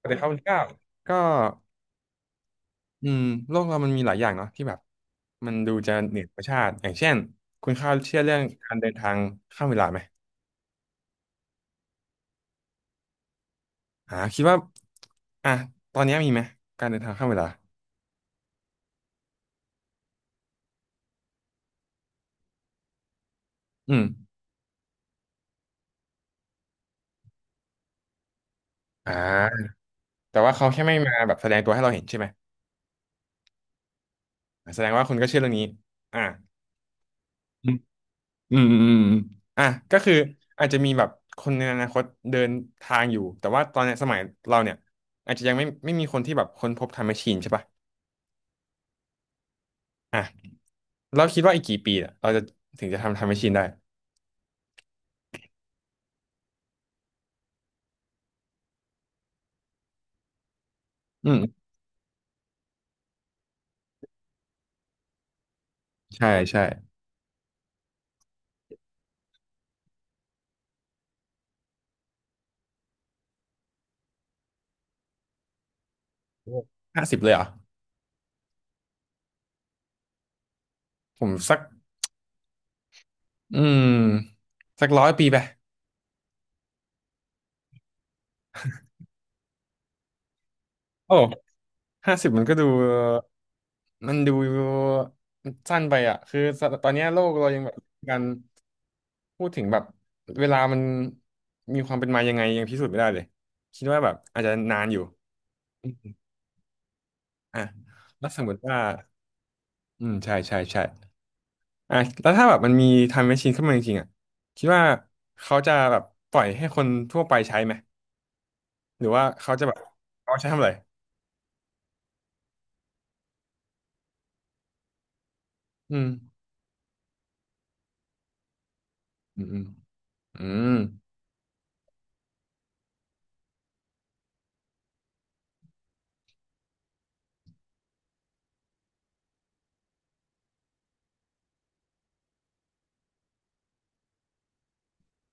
สวัสดีครับคุณก้าวก็อืมโลกเรามันมีหลายอย่างเนาะที่แบบมันดูจะเหนือธรรมชาติอย่างเช่นคุณข้าวเชื่อเรื่องการเดินทางข้ามเวลาไหมคิดว่าอ่ะตอนนี้มีไหมการเดินทางข้ามเวลาอืมอ่าแต่ว่าเขาแค่ไม่มาแบบแสดงตัวให้เราเห็นใช่ไหมแสดงว่าคุณก็เชื่อเรื่องนี้อ่าอืมอืมอืมอืมอ่ะก็คืออาจจะมีแบบคนในอนาคตเดินทางอยู่แต่ว่าตอนเนี้ยสมัยเราเนี่ยอาจจะยังไม่มีคนที่แบบค้นพบไทม์แมชชีนใช่ปะอ่ะ เราคิดว่าอีกกี่ปีเเราจะถึงจะทำแมชชีนได้อืมใช่ใช่ห้าสิบเลยเหรอผมสักอืมสัก100 ปีไปโอ้ห้าสิบมันก็ดูมันดูสั้นไปอ่ะคือตอนเนี้ยโลกเรายังแบบการพูดถึงแบบเวลามันมีความเป็นมายังไงยังพิสูจน์ไม่ได้เลยคิดว่าแบบอาจจะนานอยู่อ่ะแล้วสมมติว่าอืมใช่ใช่ใช่ อ่ะแล้วถ้าแบบมันมี time machine ขึ้นมาจริงๆอ่ะคิดว่าเขาจะแบบปล่อยให้คนทั่วไปใช้ไหมหรือว่าเขาจะแบบเอาใช้ทำอะไรอืมอืมอืมอืม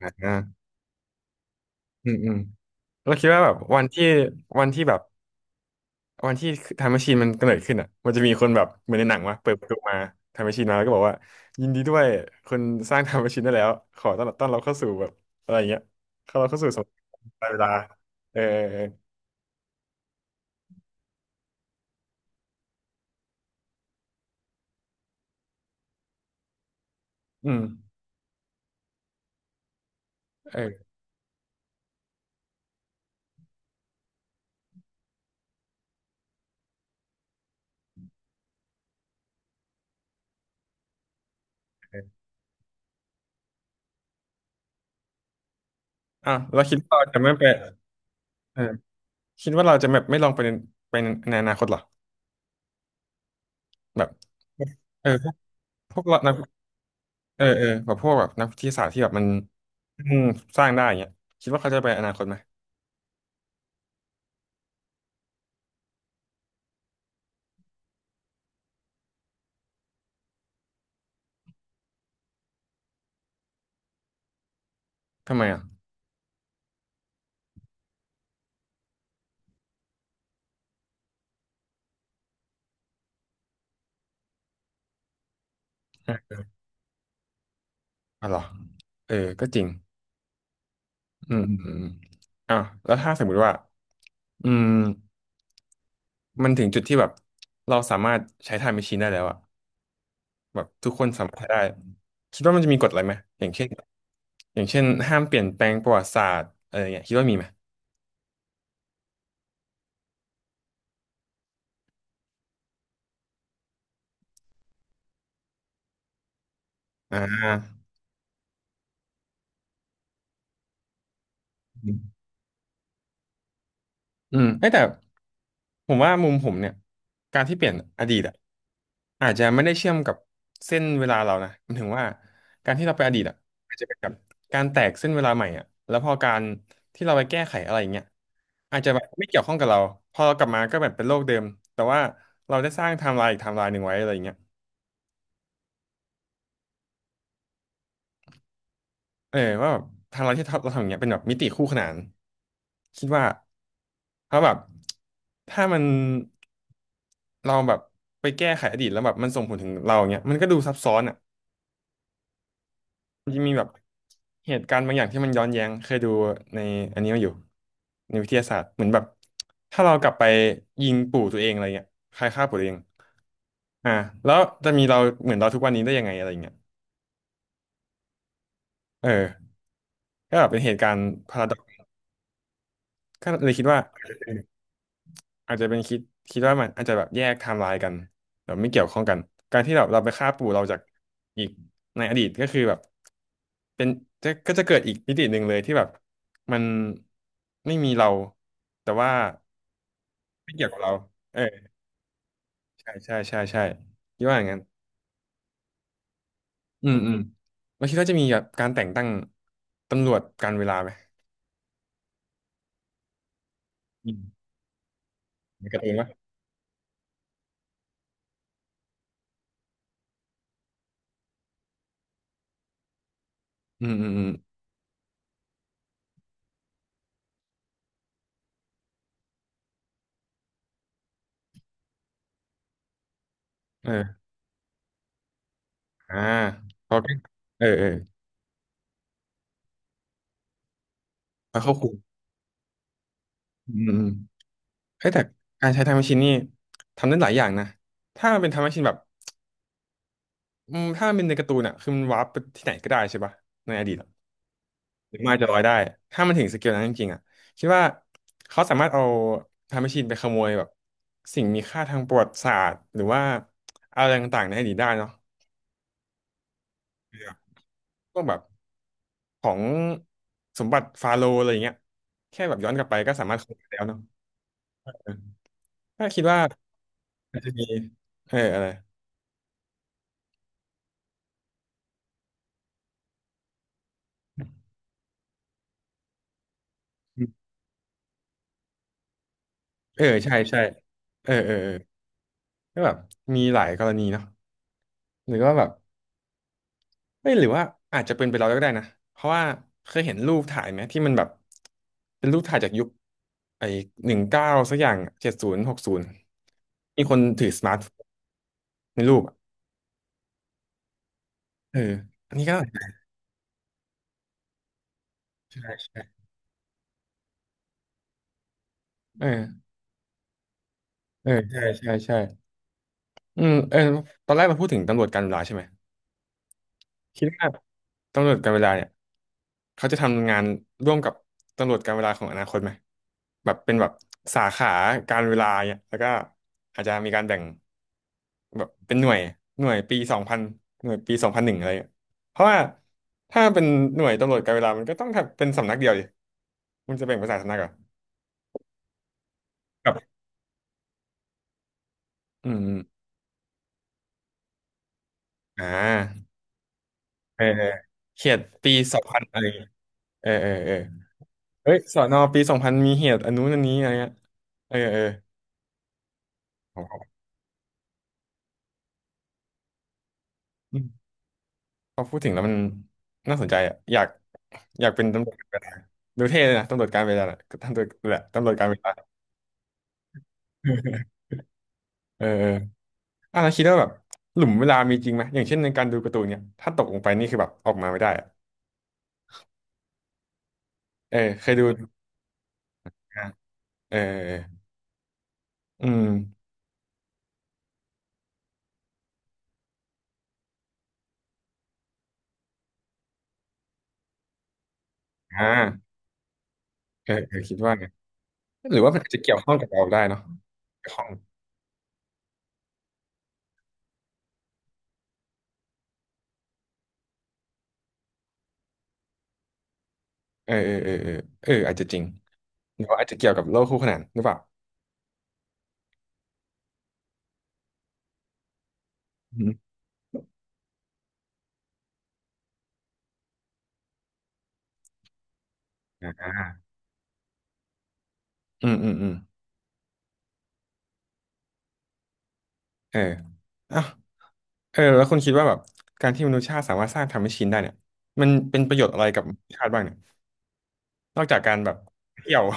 อ่าอืมอืมเราคิดว่าแบบวันที่แบบวันที่ time machine มันกำเนิดขึ้นอ่ะมันจะมีคนแบบเหมือนในหนังวะเปิดประตูมา time machine มาแล้วก็บอกว่ายินดีด้วยคนสร้าง time machine ได้แล้วขอต้อนรับเข้าสู่แบบอะไรอย่างเงี้ยเราเข้าสู่สมัยเวลาเออเออเอออืมเอออ่ะเราคิดว่าเราจะไม่ไป เออคิดว่าเราจะแบบไม่ลองไปในอนาคตเหรอแบบเออพวกเรานักเออเออแบบพวกแบบนักวิทยาศาสตร์ที่แบบมันอืมสร้างได้อย่างเงี้ยคิดว่าเขาจะไปอนาคตไหมทำไมอ่ะอะอ๋อเหรอเออก็จริงอืมอืมอืมอ่ะแล้วถ้าสมมติว่าอืมมันถึงจุดที่แบบเราสามารถใช้ไทม์แมชชีนได้แล้วอะแบบทุกคนสามารถใช้ได้คิดว่ามันจะมีกฎอะไรไหมอย่างเช่นอย่างเช่นห้ามเปลี่ยนแปลงประวัติศาสตร์อะไรอย่างเงี้ยคิดว่ามีไหมอ่าอืมเอ้ยแต่ ผมว่ามุมผมเนี่ยการที่เปลี่ยนอดีตอะอาจจะไม่ได้เชื่อมกับเส้นเวลาเรานะหมันถึงว่าการที่เราไปอดีตอะอาจจะเป็นแบบการแตกเส้นเวลาใหม่อะแล้วพอการที่เราไปแก้ไขอะไรอย่างเงี้ยอาจจะแบบไม่เกี่ยวข้องกับเราพอเรากลับมาก็แบบเป็นโลกเดิมแต่ว่าเราได้สร้างไทม์ไลน์อีกไทม์ไลน์หนึ่งไว้อะไรอย่างเงี้ย เออว่าแบบทางเราที่เราทำอย่างเงี้ยเป็นแบบมิติคู่ขนานคิดว่าเพราะแบบถ้ามันเราแบบไปแก้ไขอดีตแล้วแบบมันส่งผลถึงเราอย่างเงี้ยมันก็ดูซับซ้อนอ่ะมันจะมีแบบเหตุการณ์บางอย่างที่มันย้อนแย้งเคยดูในอันนี้มาอยู่ในวิทยาศาสตร์เหมือนแบบถ้าเรากลับไปยิงปู่ตัวเองอะไรเงี้ยใครฆ่าปู่ตัวเองอ่าแล้วจะมีเราเหมือนเราทุกวันนี้ได้ยังไงอะไรเงี้ยเออก็แบบเป็นเหตุการณ์พาราดอกก็เลยคิดว่า อาจจะเป็นคิดว่ามันอาจจะแบบแยกไทม์ไลน์กันแบบไม่เกี่ยวข้องกันการที่เราไปฆ่าปู่เราจากอีกในอดีตก็คือแบบเป็นจะก็จะเกิดอีกมิติหนึ่งเลยที่แบบมันไม่มีเราแต่ว่าไม่เกี่ยวกับเราเออใช่ใช่ใช่ใช่คิดว่าอย่างนั้นอืมอืมแล้วคิดว่าจะมีแบบการแต่งตั้งตำรวจการเวลาไหมอืมในการ์ตูนปะอืมอืมอืมเอออ่าเขาก็เออเออเขาควบคุมอืมอืม เฮ้ยแต่การใช้ไทม์แมชชีนนี่ทำได้หลายอย่างนะถ้ามันเป็นไทม์แมชชีนแบบอืมถ้ามันเป็นในการ์ตูนอ่ะคือมันวาร์ปไปที่ไหนก็ได้ใช่ปะในอดีตอะหรือมนอาจจะลอยได้ถ้ามันถึงสเกลนั้นจริงๆอ่ะคิดว่าเขาสามารถเอาไทม์แมชชีนไปขโมยแบบสิ่งมีค่าทางประวัติศาสตร์หรือว่าอะไรต่างๆในอดีตได้เนาะครับพวกแบบของสมบัติฟาโรห์อะไรอย่างเงี้ยแค่แบบย้อนกลับไปก็สามารถขโมยได้แล้วเนาะเออถ้าคิดว่าอาจจะมีเอออะไร เออใช่ใช่เออเออเออก็แบบมีหลายกรณีเนาะหรือว่าแบบไม่หรือว่าอาจจะเป็นไปเราก็ได้นะเพราะว่าเคยเห็นรูปถ่ายไหมที่มันแบบเป็นรูปถ่ายจากยุคไอ้19 สักอย่าง 70 60มีคนถือสมาร์ทโฟนในรูปอะเอออันนี้ก็ใช่ใช่เออเออใช่ใช่ใช่อืมเออตอนแรกเราพูดถึงตำรวจการเวลาใช่ไหม คิดว่าตำรวจการเวลาเนี่ยเขาจะทำงานร่วมกับตำรวจการเวลาของอนาคตไหมแบบเป็นแบบสาขาการเวลาเนี่ยแล้วก็อาจจะมีการแบ่งแบบเป็นหน่วยหน่วยปีสองพันหน่วยปี 2001อะไรเงี้ยเพราะว่าถ้าเป็นหน่วยตำรวจการเวลามันก็ต้องทำเป็นสำนักเดียวดิมันจะแบ่งเป็นสายสำนักเหรอครับอืมอมอ่าเออเออเขตปีสองพันอะไรเงี้ยเออเออเออเฮ้ยสอนอปีสองพันมีเหตุอันนู้นอันนี้อะไรเงี้ยเออเออ อืมพอพูดถึงแล้วมันน่าสนใจอ่ะอยากเป็นตำรวจการเวลาดูเท่เลยนะตำรวจการเวลาน่ะตำรวจแหละตำรวจการเวลาเออเออแล้วคิดว่าแบบหลุมเวลามีจริงไหมอย่างเช่นในการดูการ์ตูนเนี่ยถ้าตกลงไปนี่คือแบบออกมาไม่ได้อะเออเคยดูอ่ะเออเอออืมอ่าเออเออคิดว่าไงหรือว่ามันอาจจะเกี่ยวข้องกับเราได้เนาะเกี่ยวข้องเออเออเออเออเอออาจจะจริงหรือว่าอาจจะเกี่ยวกับโลกคู่ขนานหรือเปล่าอืมอ่าอืมอืมอืมเอออ่ะ เออแล้วคุณคิดว่าแบบการที่มนุษยชาติสามารถสร้างทำแมชชีนได้เนี่ยมันเป็นประโยชน์อะไรกับมนุษยชาติบ้างเนี่ยนอกจากการแบบเที่ยว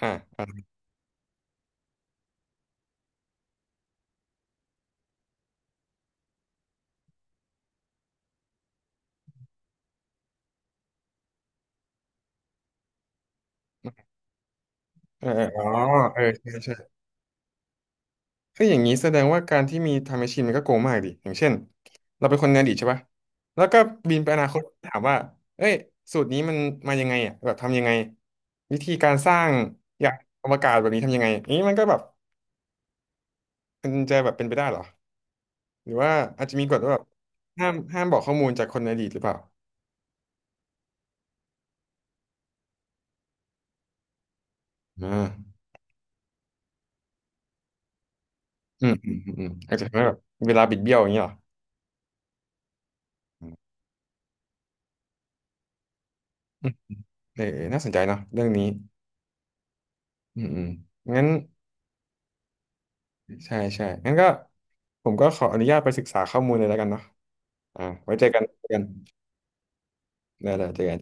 อ่าอ่าเออเอออ๋อเออใช่ใช่เอ้ยอย่างนี้แสดงว่าการที่มีไทำแมชชีนมันก็โกงมากดิอย่างเช่นเราเป็นคนในอดีตใช่ปะแล้วก็บินไปอนาคตถามว่าเอ้ยสูตรนี้มันมายังไงอ่ะแบบทำยังไงวิธีการสร้างยานอวกาศแบบนี้ทำยังไงอย่างนี้มันก็แบบมันจะแบบเป็นไปได้เหรอหรือว่าอาจจะมีกฎว่าแบบห้ามบอกข้อมูลจากคนในอดีตหรือเปล่าอ่า อืมอืมอืมอืมอาจจะทำให้แบบเวลาบิดเบี้ยวอย่างเงี้ยเหรออืมเออเออน่าสนใจเนาะเรื่องนี้อืมอืมงั้นใช่ใช่งั้นก็ผมก็ขออนุญาตไปศึกษาข้อมูลเลยแล้วกันเนาะอ่าไว้เจอกันเจอกันได้ได้เจอกัน